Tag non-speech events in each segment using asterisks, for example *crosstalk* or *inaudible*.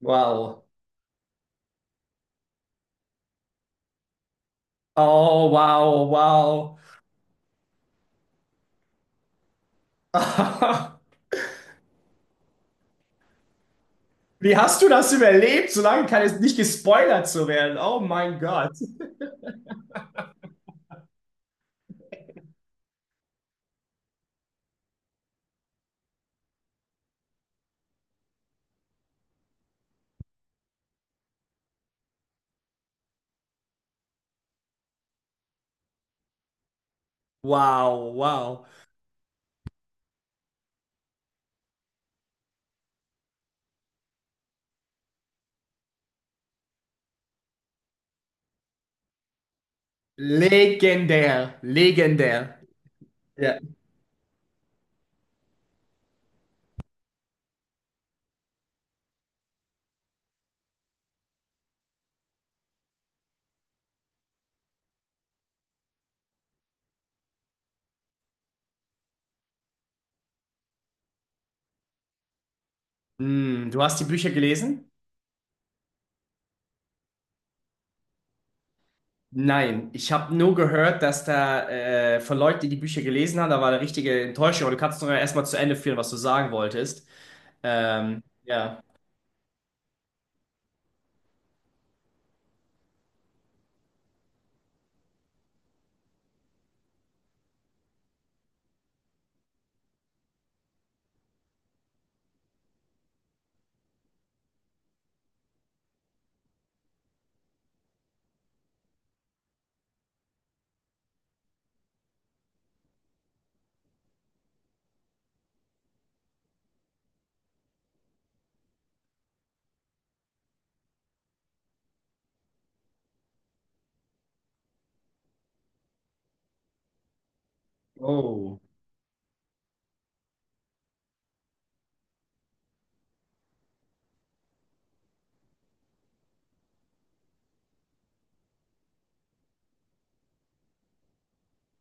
Wow. Oh, wow, wow. *laughs* Wie hast du das überlebt, solange kann es nicht gespoilert zu werden? Oh mein Gott. Wow, wow. Legendär, legendär. Ja. Hm, du hast die Bücher gelesen? Nein, ich habe nur gehört, dass da von Leuten, die die Bücher gelesen haben, da war eine richtige Enttäuschung. Aber du kannst doch erstmal zu Ende führen, was du sagen wolltest. Ja. Oh.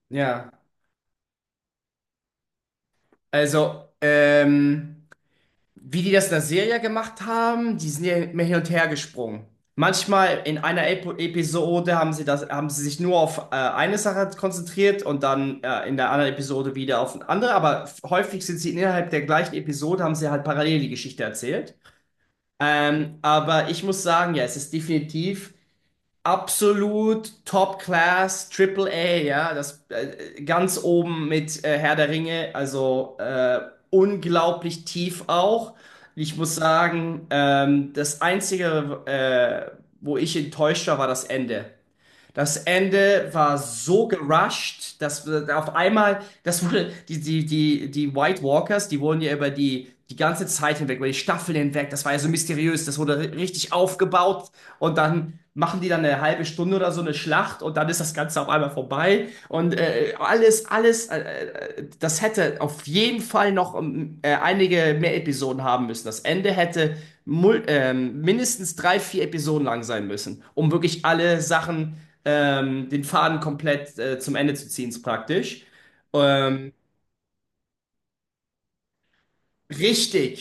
Ja. Also, wie die das in der Serie gemacht haben, die sind ja immer hin und her gesprungen. Manchmal in einer Episode haben sie sich nur auf eine Sache konzentriert und dann in der anderen Episode wieder auf eine andere, aber häufig sind sie innerhalb der gleichen Episode, haben sie halt parallel die Geschichte erzählt. Aber ich muss sagen, ja, es ist definitiv absolut Top Class, Triple A, ja, das ganz oben mit Herr der Ringe, also unglaublich tief auch. Ich muss sagen, das Einzige, wo ich enttäuscht war, war das Ende. Das Ende war so gerusht, dass auf einmal, das wurde, die White Walkers, die wurden ja über die ganze Zeit hinweg, über die Staffel hinweg, das war ja so mysteriös, das wurde richtig aufgebaut, und dann machen die dann eine halbe Stunde oder so eine Schlacht und dann ist das Ganze auf einmal vorbei, und das hätte auf jeden Fall noch einige mehr Episoden haben müssen. Das Ende hätte mindestens drei, vier Episoden lang sein müssen, um wirklich alle Sachen den Faden komplett zum Ende zu ziehen, ist praktisch. Ähm, richtig,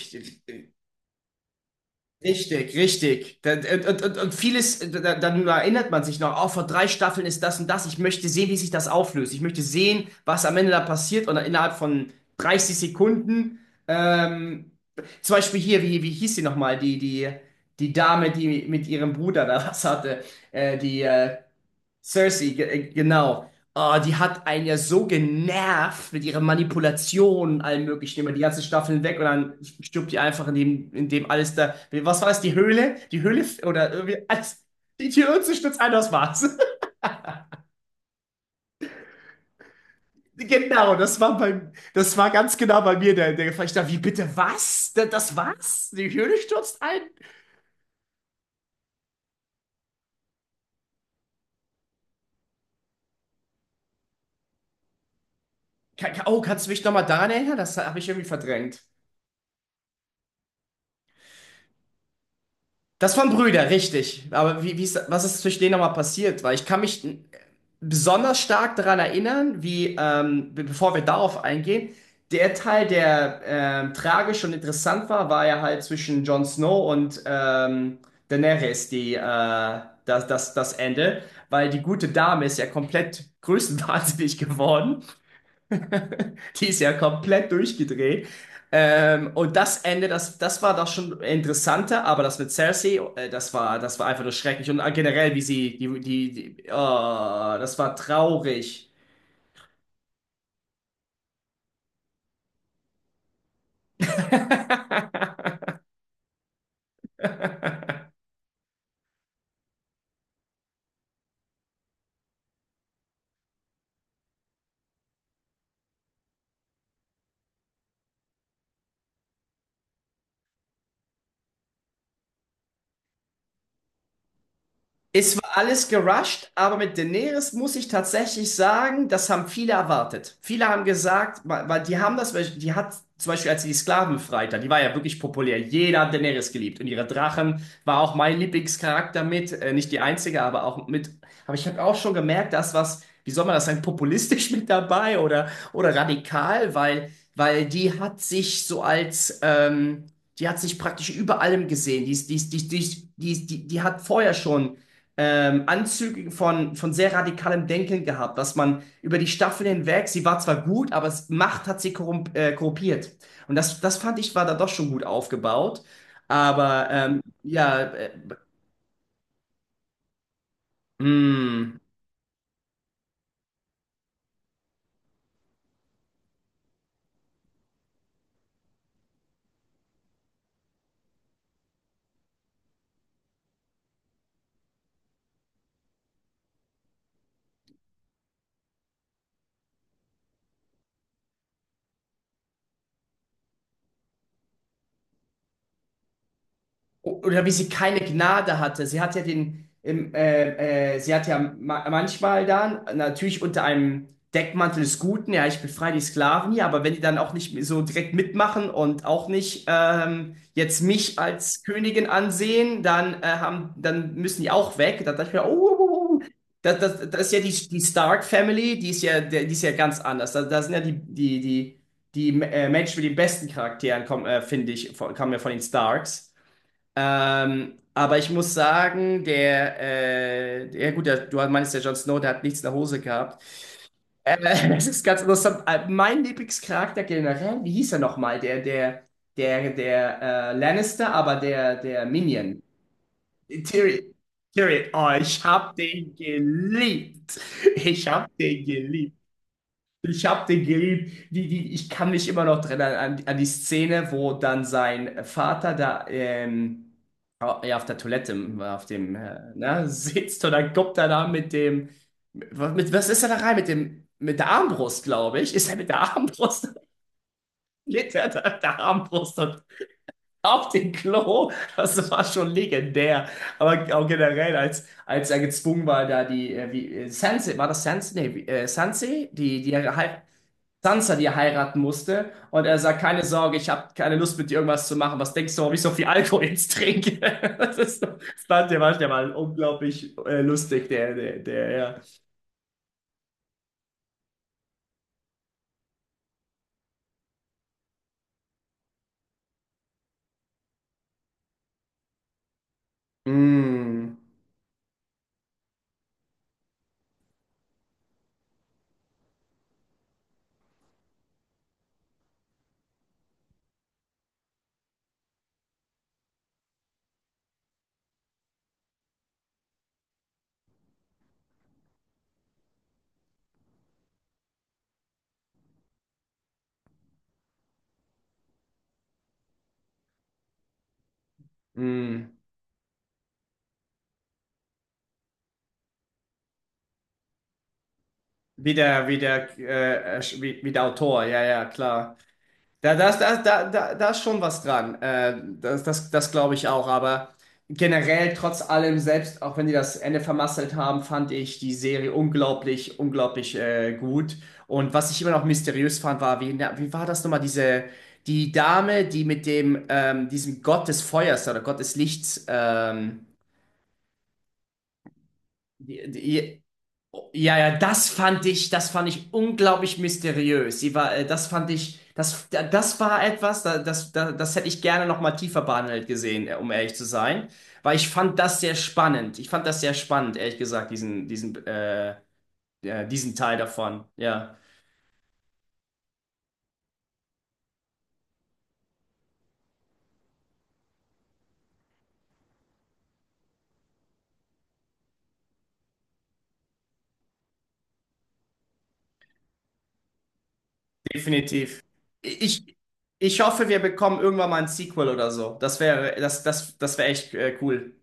richtig, richtig. Und, und vieles, dann erinnert man sich noch, oh, vor drei Staffeln ist das und das. Ich möchte sehen, wie sich das auflöst. Ich möchte sehen, was am Ende da passiert. Und innerhalb von 30 Sekunden, ähm, zum Beispiel hier, wie hieß sie nochmal, die Dame, die mit ihrem Bruder da was hatte, die Cersei, ge genau. Oh, die hat einen ja so genervt mit ihrer Manipulation und allem Möglichen über die ganze Staffel hinweg, und dann stirbt die einfach in dem alles da. Was war es, die Höhle? Oder irgendwie alles. Die Tür zu stürzt ein, das war's. *laughs* Genau, das war ganz genau bei mir der, der Fall. Ich dachte, wie bitte was? Das war's? Die Höhle stürzt ein? Oh, kannst du mich nochmal daran erinnern? Das habe ich irgendwie verdrängt. Das waren Brüder, richtig. Aber wie ist, was ist zwischen denen nochmal passiert? Weil ich kann mich besonders stark daran erinnern, wie, bevor wir darauf eingehen, der Teil, der tragisch und interessant war, war ja halt zwischen Jon Snow und Daenerys, das Ende. Weil die gute Dame ist ja komplett *laughs* größenwahnsinnig geworden, die ist ja komplett durchgedreht. Und das Ende, das war das schon interessanter, aber das mit Cersei, das war einfach nur schrecklich. Und generell, wie sie, oh, das war traurig. *laughs* Es war alles gerusht, aber mit Daenerys muss ich tatsächlich sagen, das haben viele erwartet. Viele haben gesagt, weil die haben das, die hat zum Beispiel, als sie die Sklaven freit hat, die war ja wirklich populär. Jeder hat Daenerys geliebt, und ihre Drachen war auch mein Lieblingscharakter mit, nicht die einzige, aber auch mit. Aber ich habe auch schon gemerkt, dass was, wie soll man das sagen, populistisch *laughs* mit dabei oder radikal, weil die hat sich so als die hat sich praktisch über allem gesehen. Die, ist- die, ist- die, die, die, die, die hat vorher schon Anzüge von sehr radikalem Denken gehabt, dass man über die Staffeln hinweg, sie war zwar gut, aber es, Macht hat sie korrumpiert. Und das, das fand ich, war da doch schon gut aufgebaut. Aber ja, äh, oder wie sie keine Gnade hatte. Sie hat ja den, im, sie hat ja ma manchmal dann, natürlich unter einem Deckmantel des Guten, ja, ich befreie die Sklaven hier, aber wenn die dann auch nicht so direkt mitmachen und auch nicht jetzt mich als Königin ansehen, dann, dann müssen die auch weg. Da dachte ich mir, oh, oh, oh, oh. Das ist ja die, die Stark Family, die ist ja ganz anders. Da sind ja die Menschen mit den besten Charakteren, finde ich, kamen ja von den Starks. Aber ich muss sagen, ja gut, der, du meinst, der Jon Snow, der hat nichts in der Hose gehabt. Äh, *laughs* das ist ganz interessant. Mein Lieblingscharakter generell, wie hieß er nochmal? Der Lannister, aber der, der Minion. Tyrion. Tyrion. Oh, ich hab den geliebt. Ich hab den geliebt. Ich hab den geliebt. Ich kann mich immer noch dran an die Szene, wo dann sein Vater da ja, auf der Toilette auf dem ne, *laughs* sitzt und dann kommt er da mit was ist er da rein? Mit dem mit der Armbrust, glaube ich. Ist er mit der Armbrust? *laughs* Liegt er da mit der Armbrust und auf den Klo? Das war schon legendär. Aber auch generell, als er gezwungen war, da die, Sansa, war das Sansa? Nee, Sansa, die, die Sansa, die er heiraten musste. Und er sagt, keine Sorge, ich habe keine Lust mit dir irgendwas zu machen. Was denkst du, warum ich so viel Alkohol jetzt trinke? *laughs* Das fand der war der mal unglaublich lustig, der, ja. Mm, mm. Wie der Autor, ja, ja, klar. Da, da, ist- da, da, da, da ist schon was dran. Das glaube ich auch. Aber generell, trotz allem, selbst auch wenn die das Ende vermasselt haben, fand ich die Serie unglaublich, unglaublich gut. Und was ich immer noch mysteriös fand, war, wie war das nochmal, die Dame, die mit dem, diesem Gott des Feuers oder Gott des Lichts, die, die, ja, das fand ich unglaublich mysteriös. Sie war, das fand ich, das war etwas, das hätte ich gerne noch mal tiefer behandelt gesehen, um ehrlich zu sein, weil ich fand das sehr spannend. Ich fand das sehr spannend, ehrlich gesagt, diesen, ja, diesen Teil davon. Ja, definitiv. Ich, ich hoffe, wir bekommen irgendwann mal ein Sequel oder so. Das wäre echt, cool.